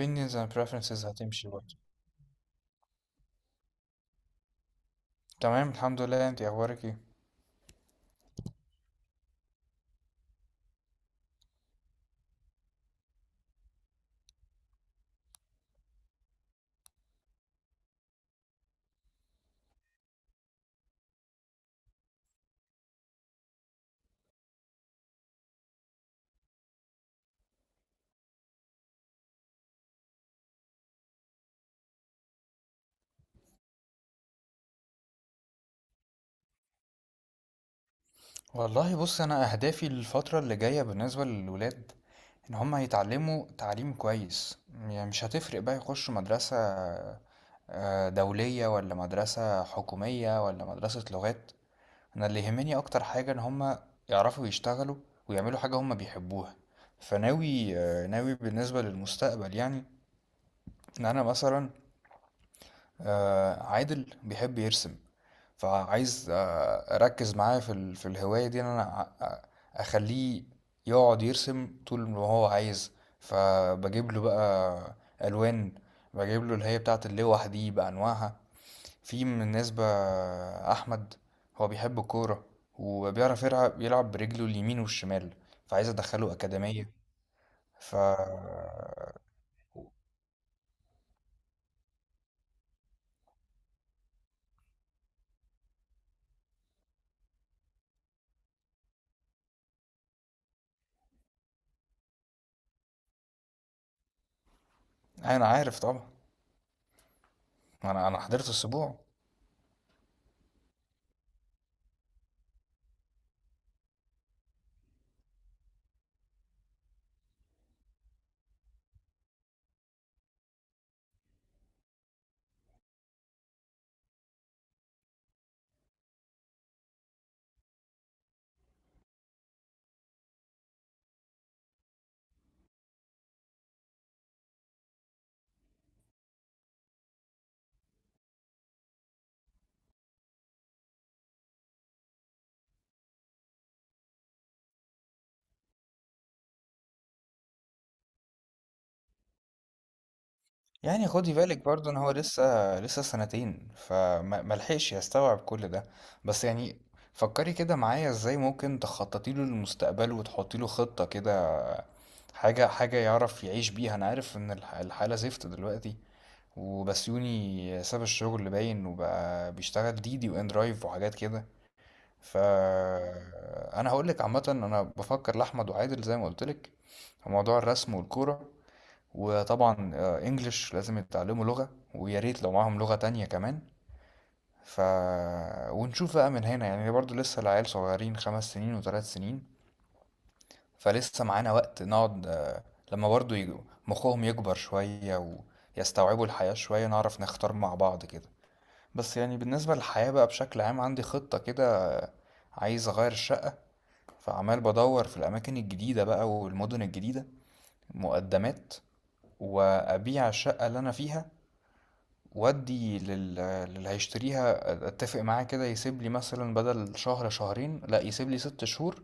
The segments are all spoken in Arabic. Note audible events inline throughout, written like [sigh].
opinions and preferences هتمشي برضه. تمام الحمد لله، انت اخبارك ايه؟ والله بص، انا اهدافي للفتره اللي جايه بالنسبه للولاد ان هم يتعلموا تعليم كويس. يعني مش هتفرق بقى يخشوا مدرسه دوليه ولا مدرسه حكوميه ولا مدرسه لغات. انا اللي يهمني اكتر حاجه ان هم يعرفوا يشتغلوا ويعملوا حاجه هم بيحبوها. فناوي، ناوي بالنسبه للمستقبل، يعني ان انا مثلا، عادل بيحب يرسم، فعايز اركز معاه في الهوايه دي. ان انا ع- اخليه يقعد يرسم طول ما هو عايز. فبجيب له بقى الوان، بجيب له اللي هي بتاعه اللوح دي بانواعها. في من الناس بقى احمد، هو بيحب الكوره وبيعرف يلعب، برجله اليمين والشمال، فعايز ادخله اكاديميه. ف- انا عارف طبعا، انا حضرت السبوع. يعني خدي بالك برضو ان هو لسه، 2 سنين، فملحقش يستوعب كل ده. بس يعني فكري كده معايا ازاي ممكن تخططي له للمستقبل وتحطي له خطة كده، حاجة يعرف يعيش بيها. انا عارف ان الحالة زفت دلوقتي، وبسيوني ساب الشغل اللي باين وبقى بيشتغل ديدي وان درايف وحاجات كده. ف- انا هقول لك عامة، انا بفكر لاحمد وعادل زي ما قلت لك في موضوع الرسم والكورة. وطبعا انجليش لازم يتعلموا لغة، ويا ريت لو معاهم لغة تانية كمان. ف- ونشوف بقى من هنا، يعني برضو لسه العيال صغيرين، 5 سنين و3 سنين، فلسه معانا وقت نقعد، لما برضو مخهم يكبر شوية ويستوعبوا الحياة شوية، نعرف نختار مع بعض كده. بس يعني بالنسبة للحياة بقى بشكل عام، عندي خطة كده. عايز أغير الشقة، فعمال بدور في الأماكن الجديدة بقى والمدن الجديدة، مقدمات. وأبيع الشقة اللي أنا فيها، وأدي لل... للي هيشتريها، أتفق معاه كده يسيب لي مثلا بدل شهر 2، لأ يسيب لي 6 شهور،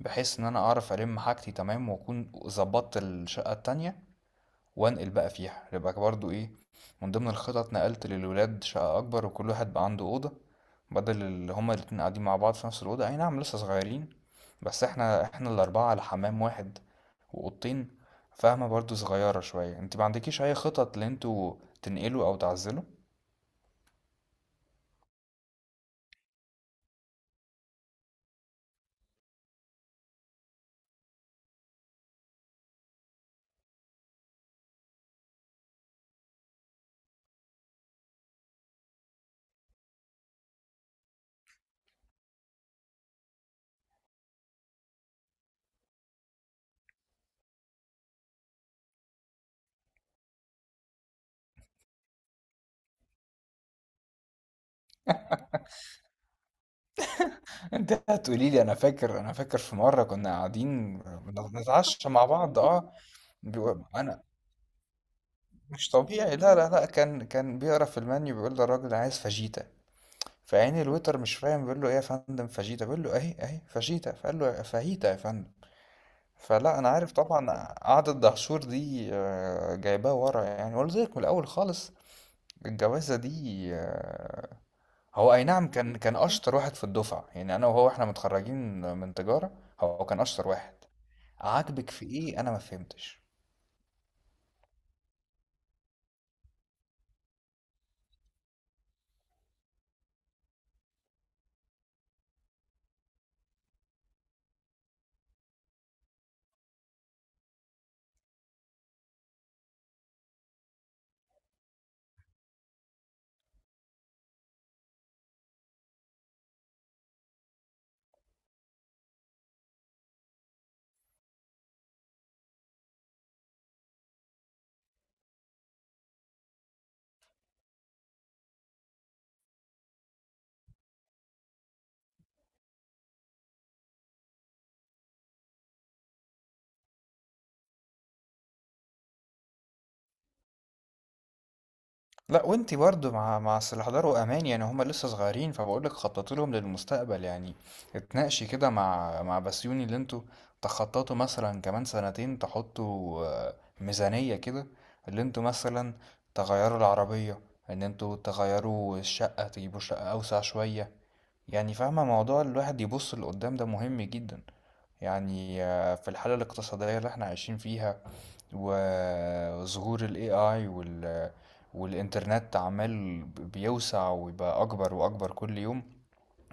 بحيث إن أنا أعرف ألم حاجتي تمام وأكون ظبطت الشقة التانية وأنقل بقى فيها. يبقى برضو إيه، من ضمن الخطط نقلت للولاد شقة أكبر، وكل واحد بقى عنده أوضة، بدل اللي هما الاتنين قاعدين مع بعض في نفس الأوضة. أي نعم لسه صغيرين، بس احنا، الـ4 على حمام واحد وأوضتين. فاهمة؟ برضو صغيرة شوية. انت ما عندكيش أي خطط اللي انتوا تنقلوا أو تعزلوا؟ انت هتقولي لي، انا فاكر، في مره كنا قاعدين بنتعشى مع بعض، اه انا مش طبيعي. لا لا لا، كان، بيقرا في المنيو، بيقول للراجل أنا عايز فاجيتا. فعين الويتر مش فاهم بيقول له ايه يا فندم؟ فاجيتا. بيقول له اهي، فاجيتا. فقال له فاهيتا يا فندم. فلا انا عارف طبعا، قعدة دهشور دي جايباه ورا يعني، قلت لك من الاول خالص الجوازه دي. آه. هو اي نعم كان، اشطر واحد في الدفعه، يعني انا وهو احنا متخرجين من تجاره، هو كان اشطر واحد. عاجبك في ايه؟ انا ما فهمتش. لا، وانتي برضو مع، سلهدار وامان يعني هما لسه صغيرين، فبقول لك خططوا لهم للمستقبل يعني. اتناقشي كده مع، بسيوني اللي انتوا تخططوا مثلا كمان 2 سنين تحطوا، ميزانية كده اللي انتوا مثلا تغيروا العربية، ان انتوا تغيروا الشقة تجيبوا شقة اوسع شوية. يعني فاهمة؟ موضوع الواحد يبص لقدام ده مهم جدا، يعني في الحالة الاقتصادية اللي احنا عايشين فيها، وظهور ال AI وال- والإنترنت عمال بيوسع ويبقى أكبر وأكبر كل يوم.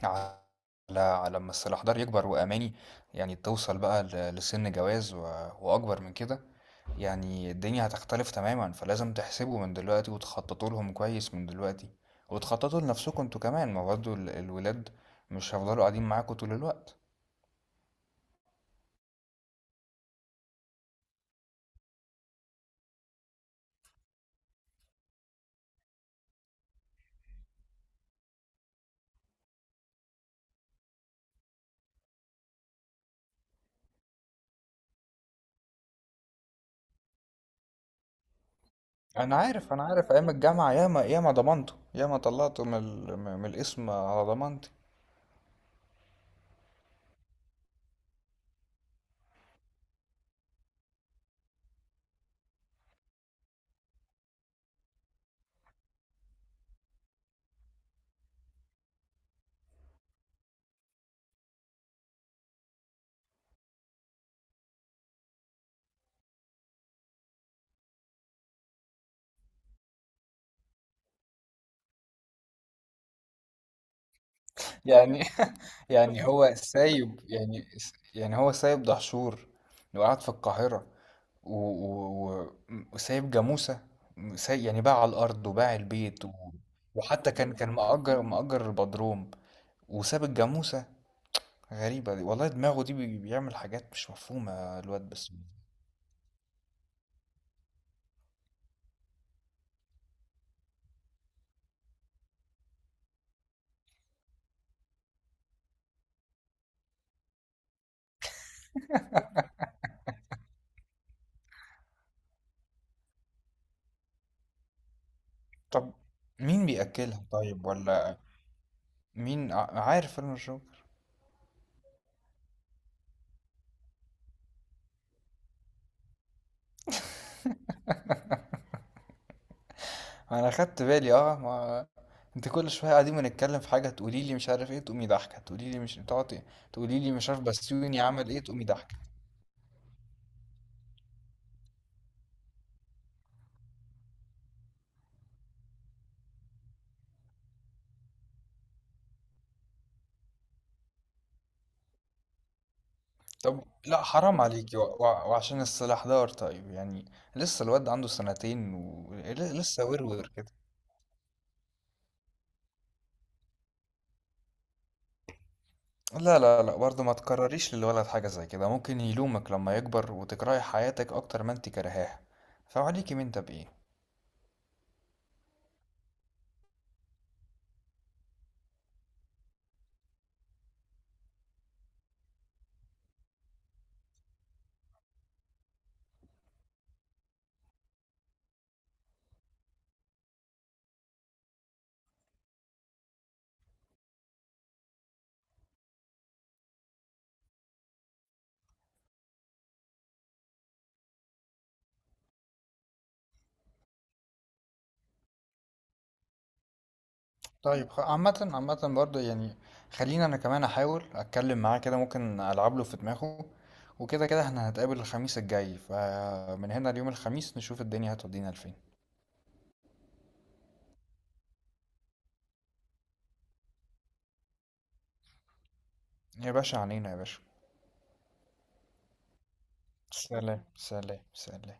على، ما الأحجار يكبر وأماني يعني توصل بقى لسن جواز و- وأكبر من كده، يعني الدنيا هتختلف تماما. فلازم تحسبوا من دلوقتي وتخططوا لهم كويس من دلوقتي، وتخططوا لنفسكم انتوا كمان، ما برضه الولاد مش هيفضلوا قاعدين معاكم طول الوقت. انا عارف، ايام الجامعه ياما، ضمنته ياما طلعته من الاسم على ضمانتي. يعني [laughs] يعني هو سايب يعني، يعني هو سايب دهشور وقعد في القاهره و- و- و- وسايب جاموسه. سايب يعني، باع الارض وباع البيت و- وحتى كان، مأجر، البدروم وساب الجاموسه. غريبه دي والله، دماغه دي بيعمل حاجات مش مفهومه الواد بس. طب مين بيأكلها طيب ولا مين عارف؟ انا الشغل، انا خدت بالي اه. ما انت كل شويه قاعدين بنتكلم في حاجه تقولي لي مش عارف ايه تقومي ضحكه، تقولي لي مش، تقعدي تقولي لي مش عارف بسيوني عمل ايه تقومي ضحكه. طب لا حرام عليكي و... و... وعشان السلاح دار طيب يعني، لسه الواد عنده 2 سنين ولسه ورور كده. لا لا لا، برضه ما تكرريش للولد حاجه زي كده، ممكن يلومك لما يكبر وتكرهي حياتك اكتر ما انت كرهاها، فعليكي من ده بايه. طيب، عامة، برضه يعني خلينا، انا كمان احاول اتكلم معاه كده، ممكن العب له في دماغه. وكده كده احنا هنتقابل الخميس الجاي، فمن هنا ليوم الخميس نشوف الدنيا هتودينا لفين. يا باشا، عنينا يا باشا. سلام سلام سلام.